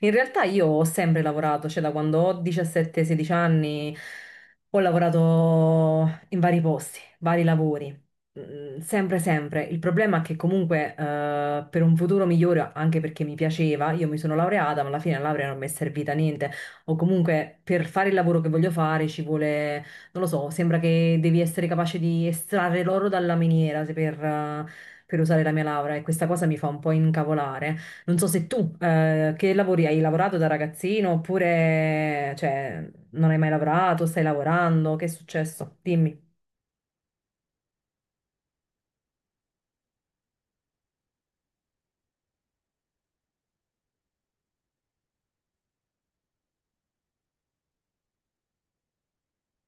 In realtà io ho sempre lavorato, cioè da quando ho 17-16 anni ho lavorato in vari posti, vari lavori, sempre, sempre. Il problema è che comunque per un futuro migliore, anche perché mi piaceva, io mi sono laureata, ma alla fine la laurea non mi è servita a niente. O comunque per fare il lavoro che voglio fare ci vuole, non lo so, sembra che devi essere capace di estrarre l'oro dalla miniera se per per usare la mia laurea e questa cosa mi fa un po' incavolare. Non so se tu che lavori hai lavorato da ragazzino oppure cioè, non hai mai lavorato, stai lavorando, che è successo? Dimmi.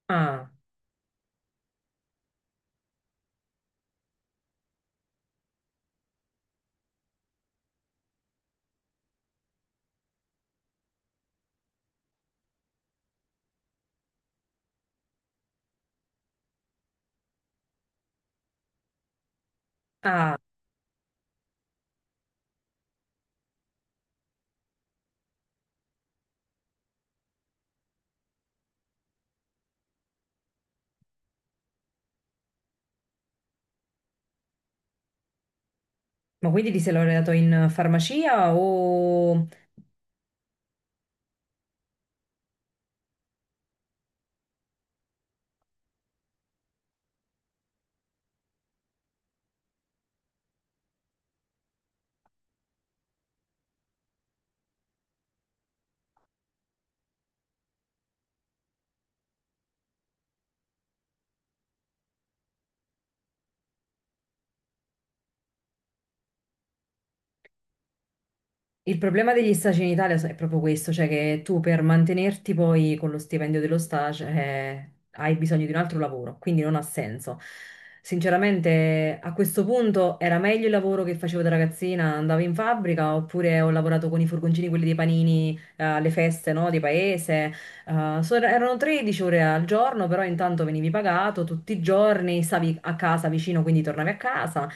Ah, ah, ma quindi ti sei laureato in farmacia o? Il problema degli stage in Italia è proprio questo, cioè che tu per mantenerti poi con lo stipendio dello stage hai bisogno di un altro lavoro, quindi non ha senso. Sinceramente, a questo punto era meglio il lavoro che facevo da ragazzina, andavo in fabbrica oppure ho lavorato con i furgoncini, quelli dei panini, alle feste, no, di paese. Erano 13 ore al giorno, però intanto venivi pagato tutti i giorni, stavi a casa vicino, quindi tornavi a casa.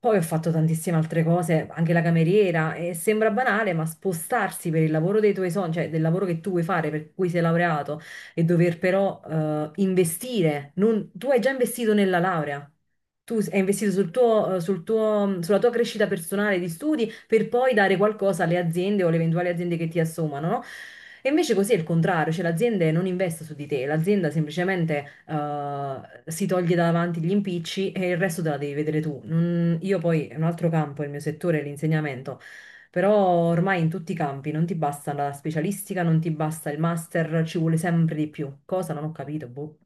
Poi ho fatto tantissime altre cose, anche la cameriera, e sembra banale, ma spostarsi per il lavoro dei tuoi sogni, cioè del lavoro che tu vuoi fare, per cui sei laureato, e dover però investire, tu hai già investito nella laurea. Tu hai investito sulla tua crescita personale di studi per poi dare qualcosa alle aziende o alle eventuali aziende che ti assommano, no? E invece così è il contrario, cioè l'azienda non investe su di te, l'azienda semplicemente si toglie davanti gli impicci e il resto te la devi vedere tu. Io poi, è un altro campo, il mio settore è l'insegnamento, però ormai in tutti i campi non ti basta la specialistica, non ti basta il master, ci vuole sempre di più. Cosa? Non ho capito, boh.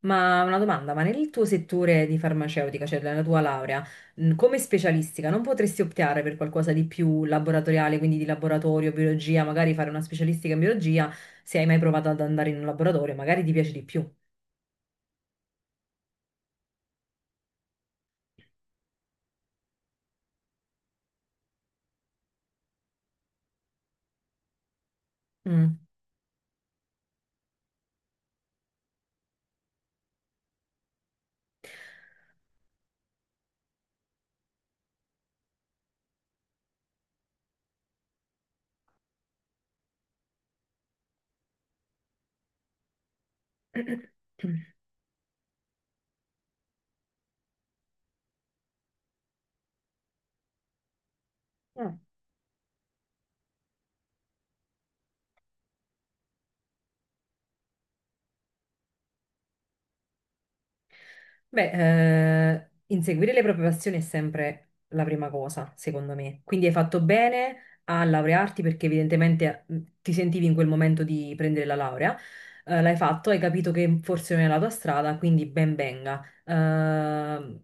Ma una domanda, ma nel tuo settore di farmaceutica, cioè nella tua laurea, come specialistica, non potresti optare per qualcosa di più laboratoriale, quindi di laboratorio, biologia, magari fare una specialistica in biologia, se hai mai provato ad andare in un laboratorio, magari ti piace di più. Mm. Mm. Beh, inseguire le proprie passioni è sempre la prima cosa, secondo me. Quindi hai fatto bene a laurearti perché evidentemente ti sentivi in quel momento di prendere la laurea. L'hai fatto, hai capito che forse non è la tua strada, quindi ben venga.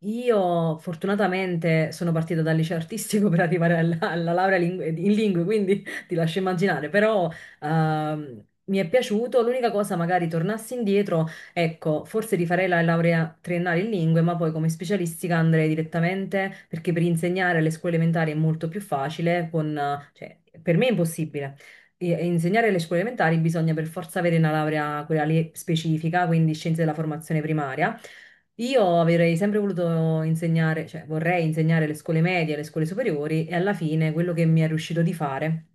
Io fortunatamente sono partita dal liceo artistico per arrivare alla laurea in lingue, quindi ti lascio immaginare, però mi è piaciuto. L'unica cosa, magari tornassi indietro. Ecco, forse rifarei la laurea triennale in lingue, ma poi come specialistica andrei direttamente perché per insegnare alle scuole elementari è molto più facile, cioè, per me è impossibile. E insegnare alle scuole elementari bisogna per forza avere una laurea quella lì specifica, quindi scienze della formazione primaria. Io avrei sempre voluto insegnare, cioè vorrei insegnare alle scuole medie, alle scuole superiori e alla fine quello che mi è riuscito di fare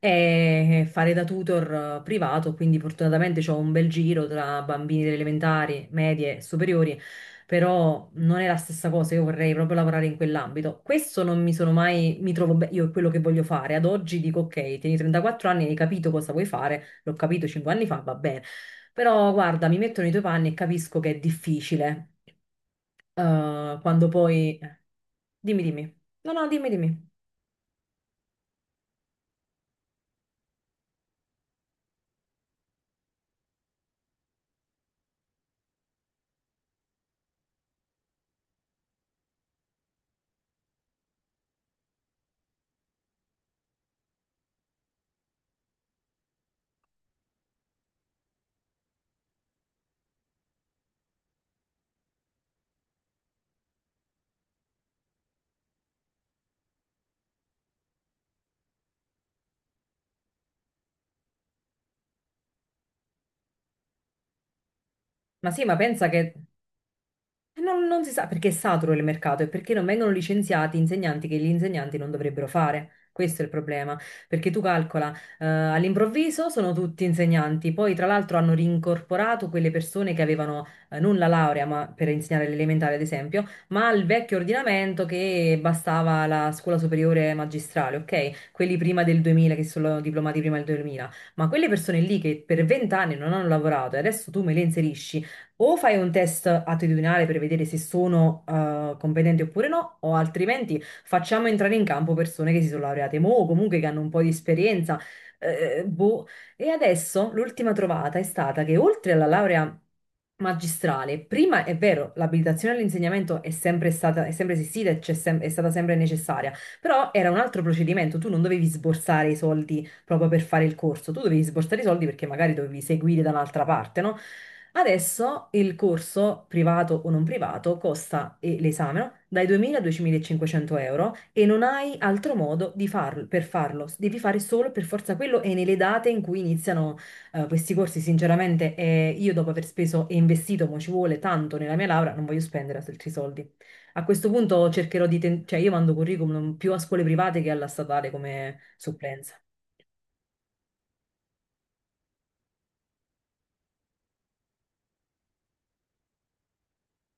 e fare da tutor privato, quindi fortunatamente ho un bel giro tra bambini delle elementari, medie e superiori, però non è la stessa cosa, io vorrei proprio lavorare in quell'ambito. Questo non mi sono mai, mi trovo bene, io è quello che voglio fare, ad oggi dico ok, tieni 34 anni, hai capito cosa vuoi fare, l'ho capito 5 anni fa, va bene, però guarda, mi metto nei tuoi panni e capisco che è difficile, quando poi. Dimmi, dimmi. No, no, dimmi, dimmi. Ma sì, ma pensa che. E non si sa perché è saturo il mercato e perché non vengono licenziati insegnanti che gli insegnanti non dovrebbero fare. Questo è il problema, perché tu calcola, all'improvviso sono tutti insegnanti, poi tra l'altro hanno rincorporato quelle persone che avevano non la laurea, ma per insegnare l'elementare ad esempio, ma il vecchio ordinamento che bastava la scuola superiore magistrale, ok? Quelli prima del 2000 che sono diplomati prima del 2000, ma quelle persone lì che per vent'anni non hanno lavorato e adesso tu me le inserisci o fai un test attitudinale per vedere se sono competenti oppure no, o altrimenti facciamo entrare in campo persone che si sono laureate mo, o comunque che hanno un po' di esperienza. Boh. E adesso l'ultima trovata è stata che oltre alla laurea magistrale, prima è vero, l'abilitazione all'insegnamento è sempre stata, è sempre esistita e è stata sempre necessaria, però era un altro procedimento, tu non dovevi sborsare i soldi proprio per fare il corso. Tu dovevi sborsare i soldi perché magari dovevi seguire da un'altra parte, no? Adesso il corso, privato o non privato, costa, e l'esame, no? Dai 2.000 a 2.500 € e non hai altro modo di farlo, per farlo. Devi fare solo per forza quello e nelle date in cui iniziano questi corsi. Sinceramente, io dopo aver speso e investito, mo ci vuole tanto nella mia laurea, non voglio spendere altri soldi. A questo punto cercherò di, cioè, io mando curriculum più a scuole private che alla statale come supplenza.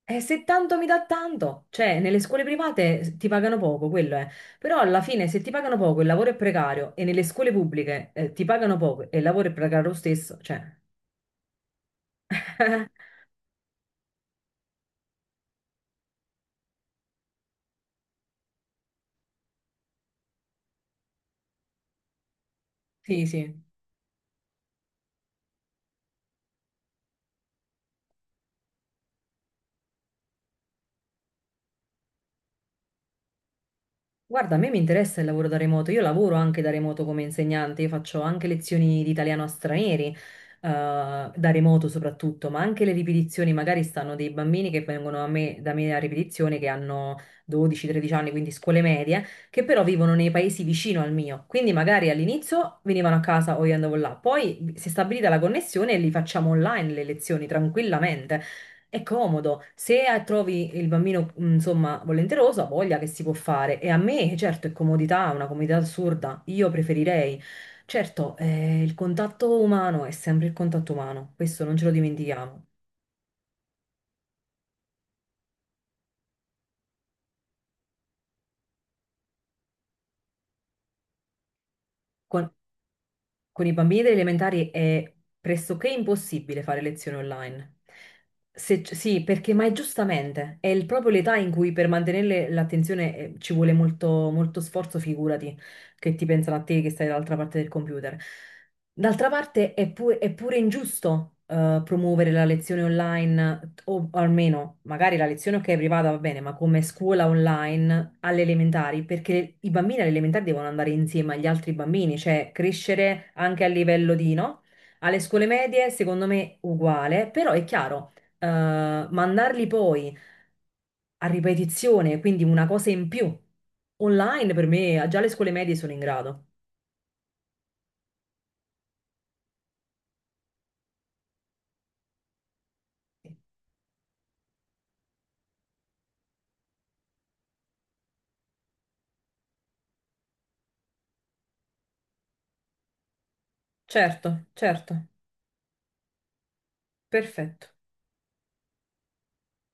E se tanto mi dà tanto, cioè nelle scuole private ti pagano poco, quello è. Però alla fine se ti pagano poco e il lavoro è precario e nelle scuole pubbliche ti pagano poco e il lavoro è precario lo stesso, cioè. Sì, sì. Guarda, a me mi interessa il lavoro da remoto, io lavoro anche da remoto come insegnante, io faccio anche lezioni di italiano a stranieri, da remoto soprattutto, ma anche le ripetizioni, magari stanno dei bambini che vengono a me, da me a ripetizione che hanno 12-13 anni, quindi scuole medie, che però vivono nei paesi vicino al mio, quindi magari all'inizio venivano a casa o io andavo là, poi si è stabilita la connessione e li facciamo online le lezioni tranquillamente. È comodo, se trovi il bambino, insomma, volenteroso, ha voglia che si può fare. E a me, certo, è comodità, una comodità assurda, io preferirei. Certo, il contatto umano è sempre il contatto umano, questo non ce lo dimentichiamo. Con- Con i bambini delle elementari è pressoché impossibile fare lezioni online. Sì, perché, ma è giustamente, proprio l'età in cui per mantenere l'attenzione ci vuole molto, molto sforzo, figurati, che ti pensano a te che stai dall'altra parte del computer. D'altra parte è pure ingiusto promuovere la lezione online o almeno magari la lezione ok è privata va bene, ma come scuola online alle elementari, perché i bambini alle elementari devono andare insieme agli altri bambini, cioè crescere anche a livello di, no? Alle scuole medie, secondo me, uguale, però è chiaro, mandarli poi a ripetizione, quindi una cosa in più, online per me, già le scuole medie sono in grado. Certo, certo, perfetto.